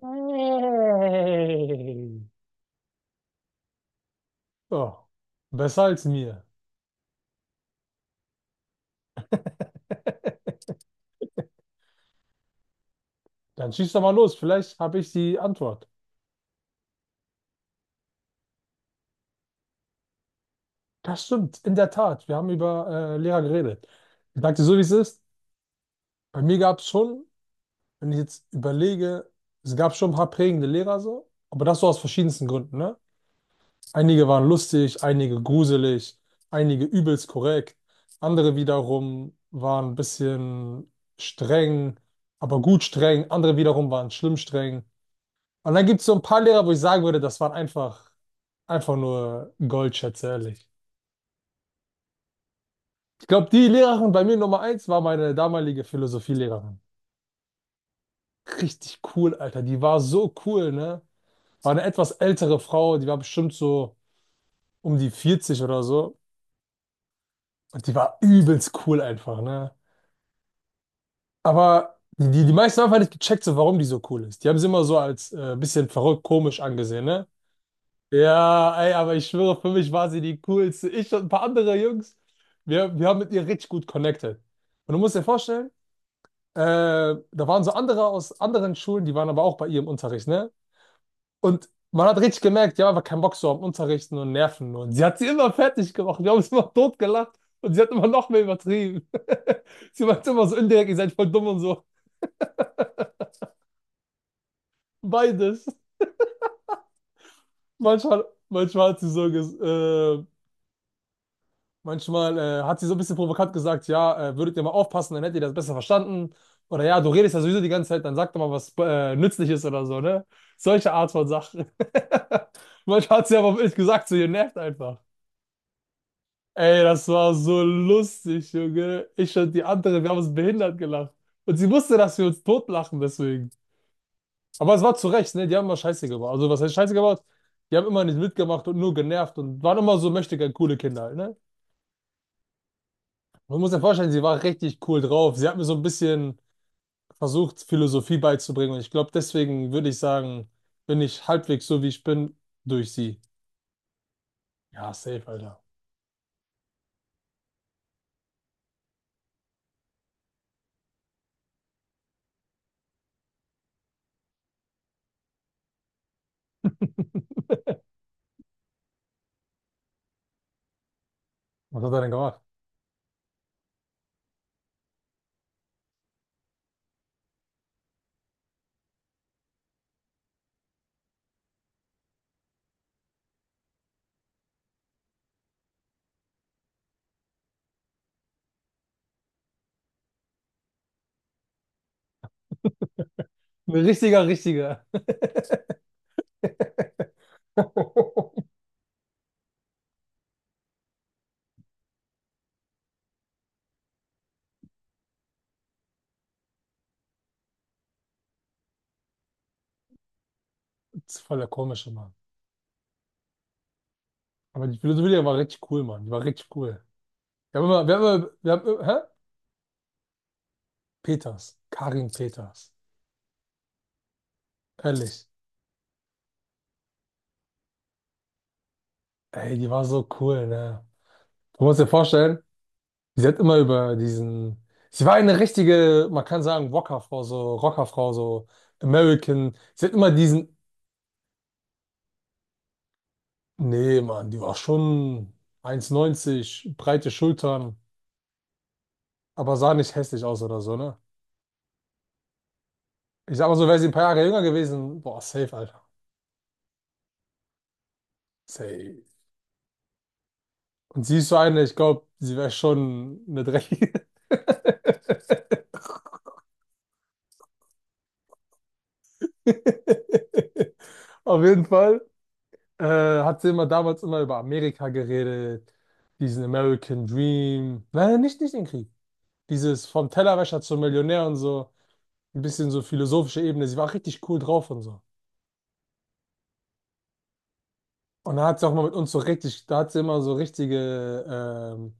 Hey. So, besser als mir. Dann schieß doch mal los, vielleicht habe ich die Antwort. Das stimmt, in der Tat. Wir haben über Lehrer geredet. Ich sag dir so, wie es ist. Bei mir gab es schon, wenn ich jetzt überlege, es gab schon ein paar prägende Lehrer so, aber das so aus verschiedensten Gründen, ne? Einige waren lustig, einige gruselig, einige übelst korrekt, andere wiederum waren ein bisschen streng, aber gut streng, andere wiederum waren schlimm streng. Und dann gibt es so ein paar Lehrer, wo ich sagen würde, das waren einfach nur Goldschätze, ehrlich. Ich glaube, die Lehrerin bei mir Nummer eins war meine damalige Philosophielehrerin. Richtig cool, Alter. Die war so cool, ne? War eine etwas ältere Frau, die war bestimmt so um die 40 oder so. Und die war übelst cool einfach, ne? Aber die meisten haben einfach nicht gecheckt, so, warum die so cool ist. Die haben sie immer so als bisschen verrückt, komisch angesehen, ne? Ja, ey, aber ich schwöre, für mich war sie die coolste. Ich und ein paar andere Jungs, wir haben mit ihr richtig gut connected. Und du musst dir vorstellen, da waren so andere aus anderen Schulen, die waren aber auch bei ihr im Unterricht, ne? Und man hat richtig gemerkt, die haben einfach keinen Bock so am Unterrichten und Nerven. Und sie hat sie immer fertig gemacht. Wir haben uns immer totgelacht und sie hat immer noch mehr übertrieben. Sie meint immer so indirekt, ihr seid voll dumm und so. Beides. Manchmal hat sie so ges manchmal hat sie so ein bisschen provokant gesagt, ja, würdet ihr mal aufpassen, dann hättet ihr das besser verstanden. Oder ja, du redest ja sowieso die ganze Zeit, dann sag doch mal was Nützliches oder so, ne? Solche Art von Sachen. Manchmal hat sie aber auch ehrlich gesagt, so ihr nervt einfach. Ey, das war so lustig, Junge. Ich und die andere, wir haben uns behindert gelacht. Und sie wusste, dass wir uns totlachen deswegen. Aber es war zu Recht, ne? Die haben immer Scheiße gebaut. Also was heißt Scheiße gebaut? Die haben immer nicht mitgemacht und nur genervt und waren immer so möchtegern coole Kinder halt, ne? Man muss sich vorstellen, sie war richtig cool drauf. Sie hat mir so ein bisschen versucht, Philosophie beizubringen. Und ich glaube, deswegen würde ich sagen, bin ich halbwegs so, wie ich bin, durch sie. Ja, safe, Alter. Was hat er denn gemacht? Ein richtiger, richtiger. Das ist voll der komische Mann. Aber die Philosophie war richtig cool, Mann. Die war richtig cool. Wir haben immer, wir haben immer, wir haben immer, hä? Peters. Karin Peters. Ehrlich. Ey, die war so cool, ne? Du musst dir vorstellen, sie hat immer über diesen. Sie war eine richtige, man kann sagen, Rockerfrau, so American. Sie hat immer diesen. Nee, Mann, die war schon 1,90, breite Schultern, aber sah nicht hässlich aus oder so, ne? Ich sag mal so, wäre sie ein paar Jahre jünger gewesen, boah, safe, Alter. Safe. Und sie ist so eine, ich glaube, sie wäre schon eine dreckige. Auf jeden Fall. äh, Hat sie immer damals immer über Amerika geredet, diesen American Dream. Nein, nicht, nicht den Krieg. Dieses vom Tellerwäscher zum Millionär und so, ein bisschen so philosophische Ebene. Sie war richtig cool drauf und so. Und da hat sie auch mal mit uns so richtig, da hat sie immer so richtige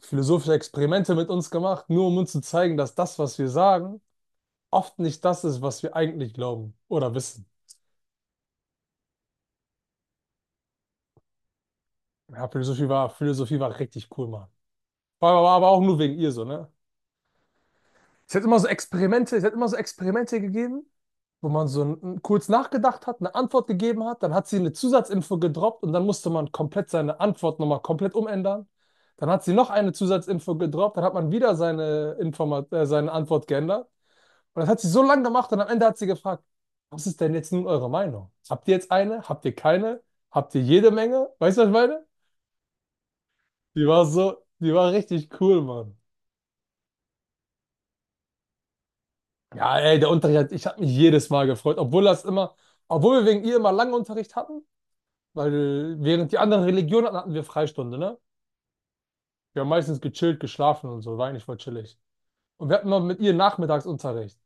philosophische Experimente mit uns gemacht, nur um uns zu zeigen, dass das, was wir sagen, oft nicht das ist, was wir eigentlich glauben oder wissen. Ja, Philosophie war richtig cool, Mann. War aber auch nur wegen ihr so, ne? Es hat immer so Experimente gegeben, wo man so kurz nachgedacht hat, eine Antwort gegeben hat, dann hat sie eine Zusatzinfo gedroppt und dann musste man komplett seine Antwort nochmal komplett umändern. Dann hat sie noch eine Zusatzinfo gedroppt, dann hat man wieder seine Informat seine Antwort geändert. Und das hat sie so lange gemacht und am Ende hat sie gefragt, was ist denn jetzt nun eure Meinung? Habt ihr jetzt eine? Habt ihr keine? Habt ihr jede Menge? Weißt du, was ich meine? Die war richtig cool, Mann. Ja, ey, ich habe mich jedes Mal gefreut, obwohl das immer, obwohl wir wegen ihr immer lange Unterricht hatten, weil während die anderen Religionen hatten, hatten wir Freistunde, ne? Wir haben meistens gechillt, geschlafen und so, war eigentlich voll chillig. Und wir hatten immer mit ihr Nachmittagsunterricht.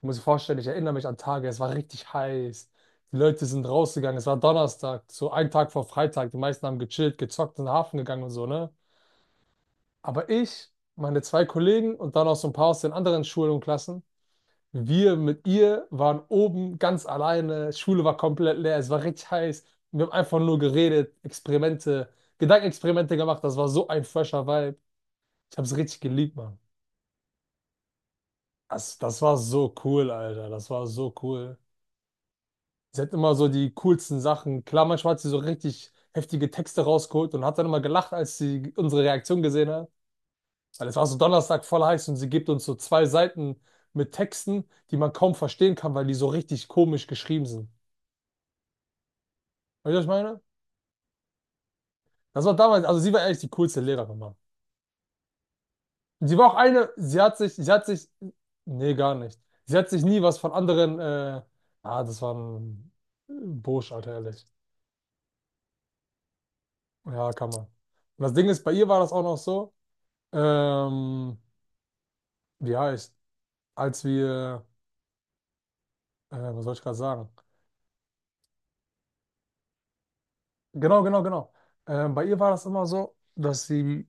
Muss ich vorstellen, ich erinnere mich an Tage, es war richtig heiß. Die Leute sind rausgegangen, es war Donnerstag, so ein Tag vor Freitag. Die meisten haben gechillt, gezockt, in den Hafen gegangen und so, ne? Aber ich, meine zwei Kollegen und dann auch so ein paar aus den anderen Schulen und Klassen, wir mit ihr waren oben ganz alleine, Schule war komplett leer, es war richtig heiß. Wir haben einfach nur geredet, Experimente, Gedankenexperimente gemacht. Das war so ein fresher Vibe. Ich habe es richtig geliebt, Mann. Das war so cool, Alter. Das war so cool. Sie hat immer so die coolsten Sachen. Klar, manchmal hat sie so richtig heftige Texte rausgeholt und hat dann immer gelacht, als sie unsere Reaktion gesehen hat. Weil es war so Donnerstag voll heiß und sie gibt uns so zwei Seiten mit Texten, die man kaum verstehen kann, weil die so richtig komisch geschrieben sind. Weißt du, was ich meine? Das war damals, also sie war ehrlich die coolste Lehrerin, Mann. Und sie war auch eine, sie hat sich, nee, gar nicht. Sie hat sich nie was von anderen, ah, das war ein Bursch, Alter, ehrlich. Ja, kann man. Und das Ding ist, bei ihr war das auch noch so, ähm, wie heißt, als wir, was soll ich gerade sagen? Genau. Bei ihr war das immer so, dass sie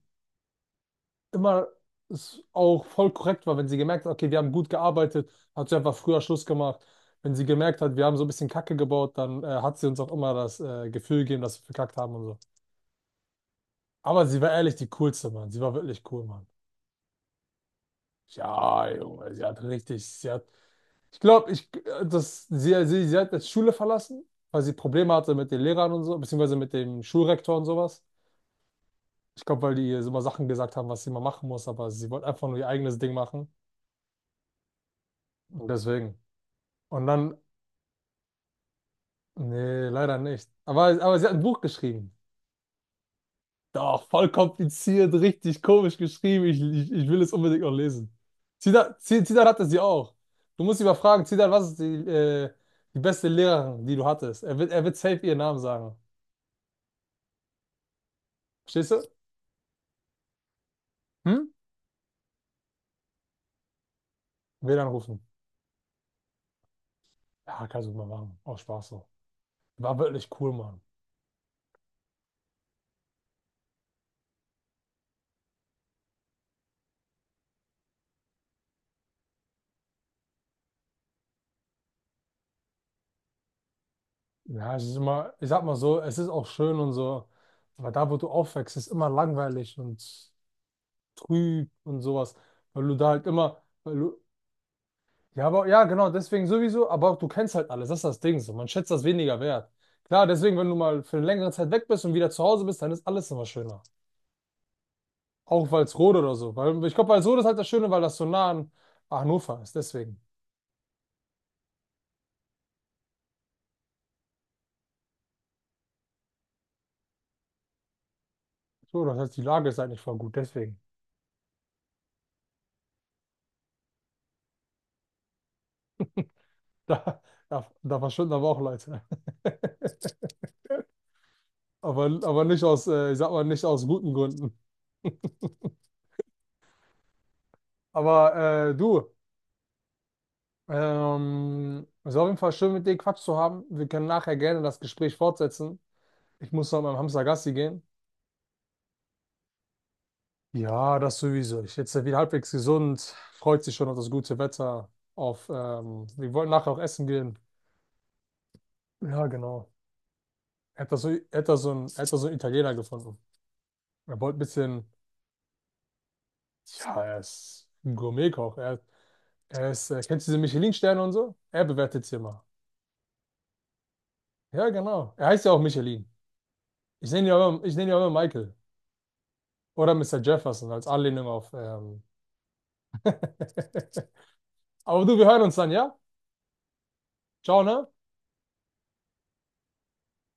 immer es auch voll korrekt war, wenn sie gemerkt hat, okay, wir haben gut gearbeitet, hat sie einfach früher Schluss gemacht. Wenn sie gemerkt hat, wir haben so ein bisschen Kacke gebaut, dann hat sie uns auch immer das Gefühl gegeben, dass wir verkackt haben und so. Aber sie war ehrlich die coolste, Mann. Sie war wirklich cool, Mann. Ja, Junge, sie hat, ich glaube, ich, das, sie hat jetzt Schule verlassen, weil sie Probleme hatte mit den Lehrern und so, beziehungsweise mit dem Schulrektor und sowas. Ich glaube, weil die ihr immer Sachen gesagt haben, was sie mal machen muss, aber sie wollte einfach nur ihr eigenes Ding machen. Und deswegen. Und dann nee, leider nicht. Aber sie hat ein Buch geschrieben. Doch, voll kompliziert, richtig komisch geschrieben. Ich will es unbedingt noch lesen. Zidane hatte sie auch. Du musst ihn mal fragen, Zidane, was ist die beste Lehrerin, die du hattest? Er wird safe ihren Namen sagen. Verstehst du? Hm? WLAN rufen. Ja, kannst du mal machen. Auch Spaß so. War wirklich cool, Mann. Ja, es ist immer, ich sag mal so, es ist auch schön und so. Aber da, wo du aufwächst, ist immer langweilig und trüb und sowas, weil du da halt immer, weil du, ja, aber ja, genau, deswegen sowieso, aber du kennst halt alles, das ist das Ding so, man schätzt das weniger wert. Klar, deswegen, wenn du mal für eine längere Zeit weg bist und wieder zu Hause bist, dann ist alles immer schöner. Auch Walsrode oder so, weil ich glaube, Walsrode ist halt das Schöne, weil das so nah an Hannover ist, deswegen. So, das heißt, die Lage ist eigentlich voll gut, deswegen. Da, da verschwinden aber auch Leute. Aber nicht aus, ich sag mal, nicht aus guten Gründen. Aber du. Es war auf jeden Fall schön, mit dir Quatsch zu haben. Wir können nachher gerne das Gespräch fortsetzen. Ich muss noch mit meinem Hamster Gassi gehen. Ja, das sowieso. Ich jetzt wieder halbwegs gesund. Freut sich schon auf das gute Wetter. Auf, wir wollten nachher auch essen gehen. Ja, genau. Er hat da so, er hat da so einen, er hat da so einen Italiener gefunden. Er wollte ein bisschen, ja, er ist ein Gourmetkoch. Kennst du diese Michelin-Sterne und so? Er bewertet sie immer. Ja, genau. Er heißt ja auch Michelin. Ich nenne ihn ja immer Michael. Oder Mr. Jefferson als Anlehnung auf. Aber du, wir hören uns dann, ja? Ciao, ne?